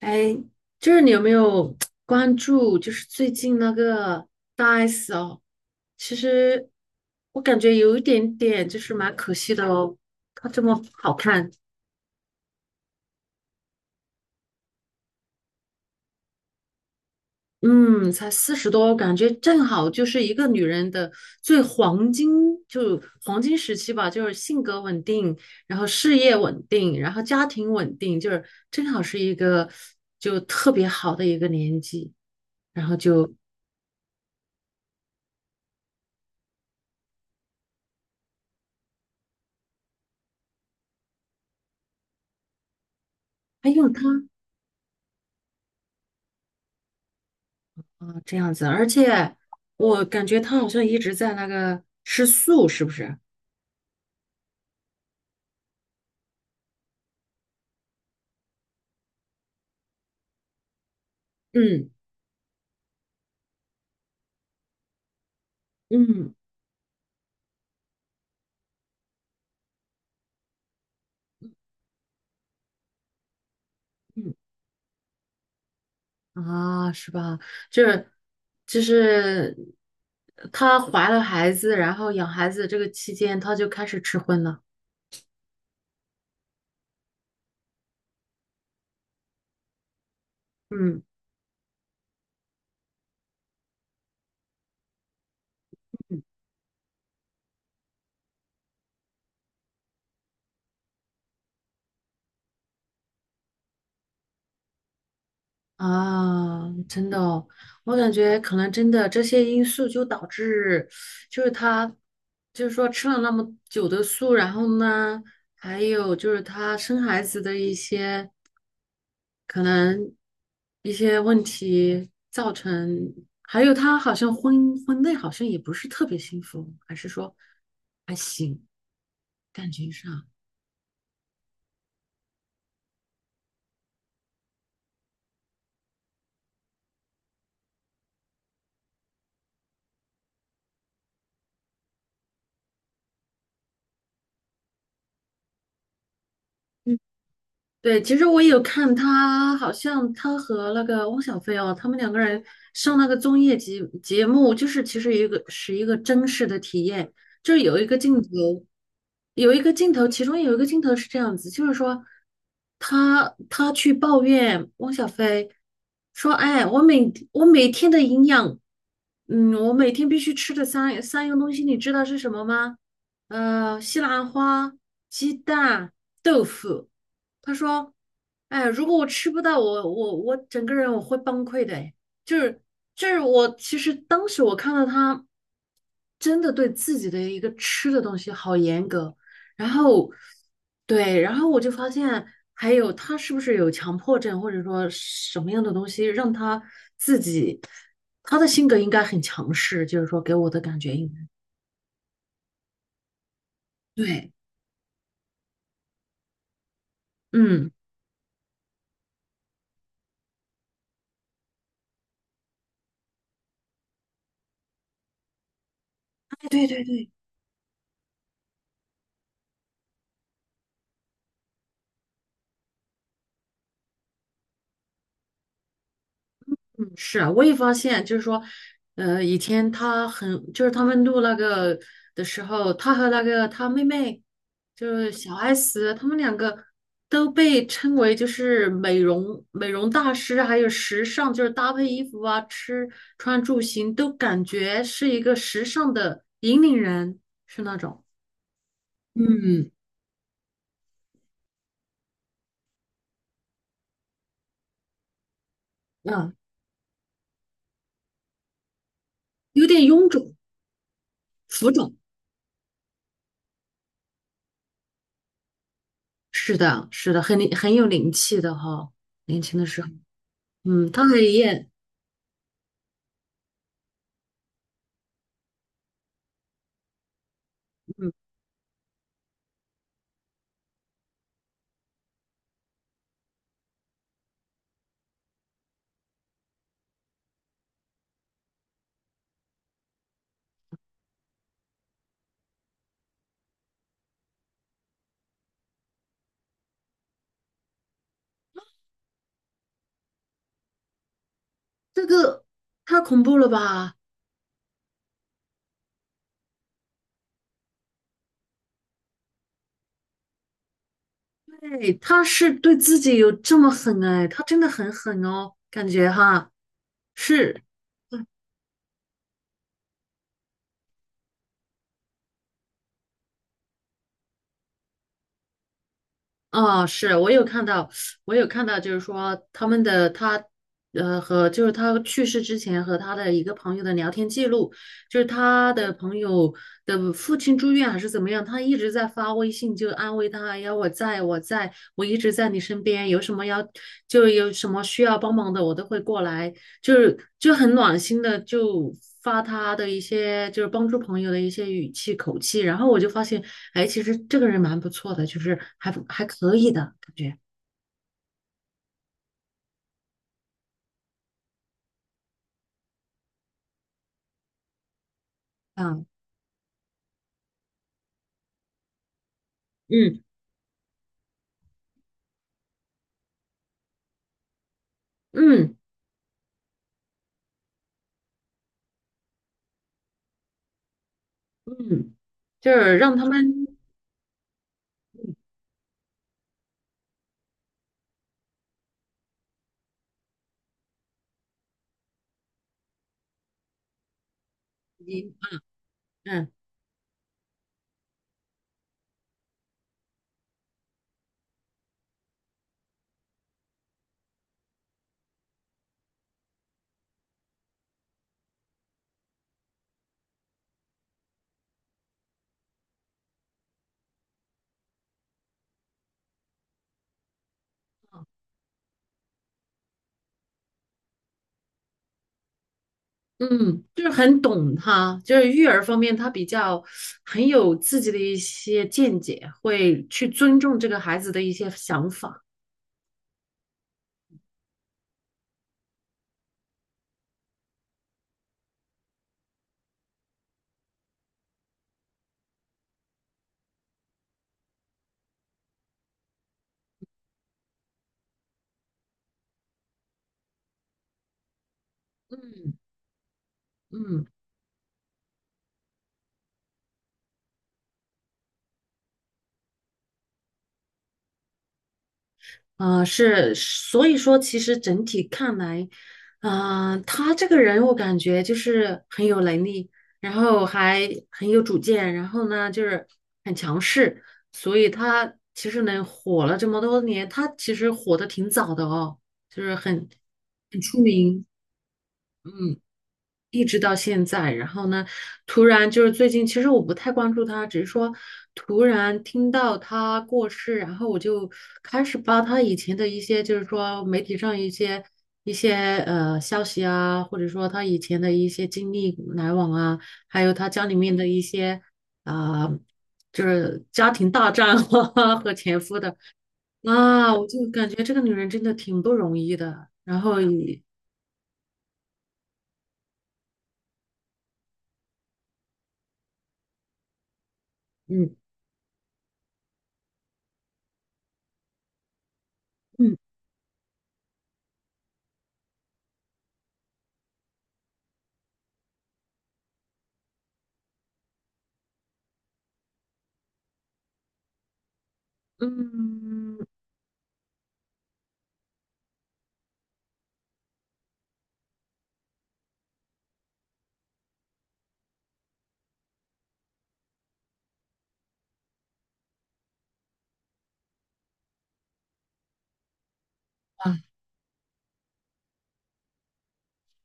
哎，就是你有没有关注？就是最近那个大 S 哦，其实我感觉有一点点，就是蛮可惜的哦。她这么好看。嗯，才四十多，感觉正好就是一个女人的最黄金，就黄金时期吧，就是性格稳定，然后事业稳定，然后家庭稳定，就是正好是一个就特别好的一个年纪，然后就还有她。啊，这样子，而且我感觉他好像一直在那个吃素，是不是？嗯嗯嗯，啊，是吧？就是就是她怀了孩子，然后养孩子这个期间，她就开始吃荤了。嗯嗯，啊，真的哦，我感觉可能真的这些因素就导致，就是她就是说吃了那么久的素，然后呢，还有就是她生孩子的一些。可能一些问题造成，还有他好像婚内好像也不是特别幸福，还是说还行，感觉上，对，其实我也有看他，好像他和那个汪小菲哦，他们两个人上那个综艺节目，就是其实一个是一个真实的体验，就是有一个镜头，有一个镜头，其中有一个镜头是这样子，就是说他去抱怨汪小菲说，哎，我每天的营养，嗯，我每天必须吃的三样东西，你知道是什么吗？西兰花、鸡蛋、豆腐。他说：“哎，如果我吃不到，我整个人会崩溃的。”哎，就是就是我其实当时我看到他真的对自己的一个吃的东西好严格，然后对，然后我就发现还有他是不是有强迫症，或者说什么样的东西让他自己他的性格应该很强势，就是说给我的感觉应该对，嗯，哎，对对对，嗯是啊，我也发现，就是说，以前他很，就是他们录那个的时候，他和那个他妹妹，就是小 S，他们两个都被称为就是美容大师，还有时尚，就是搭配衣服啊、吃穿住行，都感觉是一个时尚的引领人，是那种，嗯，嗯，有点臃肿、浮肿。是的，是的，很有灵气的哈，年轻的时候，嗯，他很嗯。这个太恐怖了吧？对，他是对自己有这么狠哎，他真的很狠哦，感觉哈，是啊，是我有看到，我有看到，就是说他们的他，和就是他去世之前和他的一个朋友的聊天记录，就是他的朋友的父亲住院还是怎么样，他一直在发微信就安慰他，要我在我在，我一直在你身边，有什么要就有什么需要帮忙的，我都会过来。就是就很暖心的，就发他的一些就是帮助朋友的一些语气口气，然后我就发现，哎，其实这个人蛮不错的，就是还可以的感觉，嗯，嗯嗯嗯，就是让他们，你嗯嗯，就是很懂他，就是育儿方面他比较很有自己的一些见解，会去尊重这个孩子的一些想法，嗯嗯。啊、呃是，所以说其实整体看来，啊、他这个人我感觉就是很有能力，然后还很有主见，然后呢就是很强势，所以他其实能火了这么多年，他其实火的挺早的哦，就是很出名。一直到现在，然后呢，突然就是最近，其实我不太关注他，只是说突然听到他过世，然后我就开始扒他以前的一些，就是说媒体上一些消息啊，或者说他以前的一些经历来往啊，还有他家里面的一些啊、就是家庭大战 和前夫的啊，我就感觉这个女人真的挺不容易的，然后也嗯嗯。嗯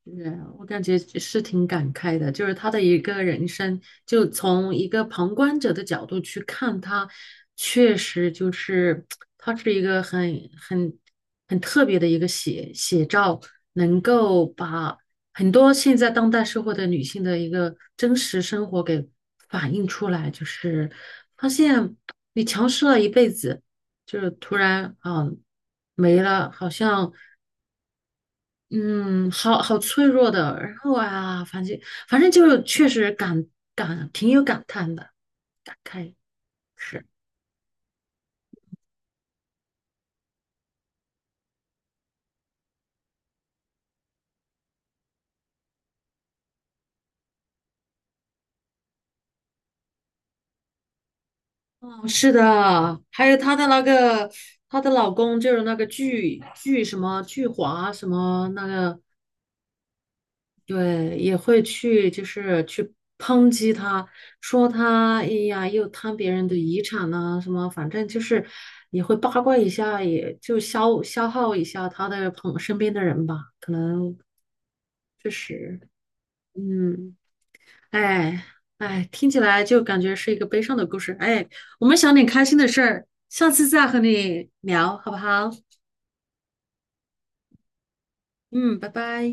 是，我感觉是挺感慨的，就是他的一个人生，就从一个旁观者的角度去看他，确实就是他是一个很很特别的一个写照，能够把很多现在当代社会的女性的一个真实生活给反映出来，就是发现你强势了一辈子，就是突然啊没了，好像。嗯，好脆弱的。然后啊，反正就是确实感挺有感叹的，感慨是。嗯，是的，还有她的那个她的老公就是那个巨华什么那个，对，也会去就是去抨击她，说她哎呀又贪别人的遗产呐、什么，反正就是也会八卦一下，也就消耗一下她的身边的人吧，可能确实。嗯，哎哎，听起来就感觉是一个悲伤的故事。哎，我们想点开心的事儿，下次再和你聊，好不好？嗯，拜拜。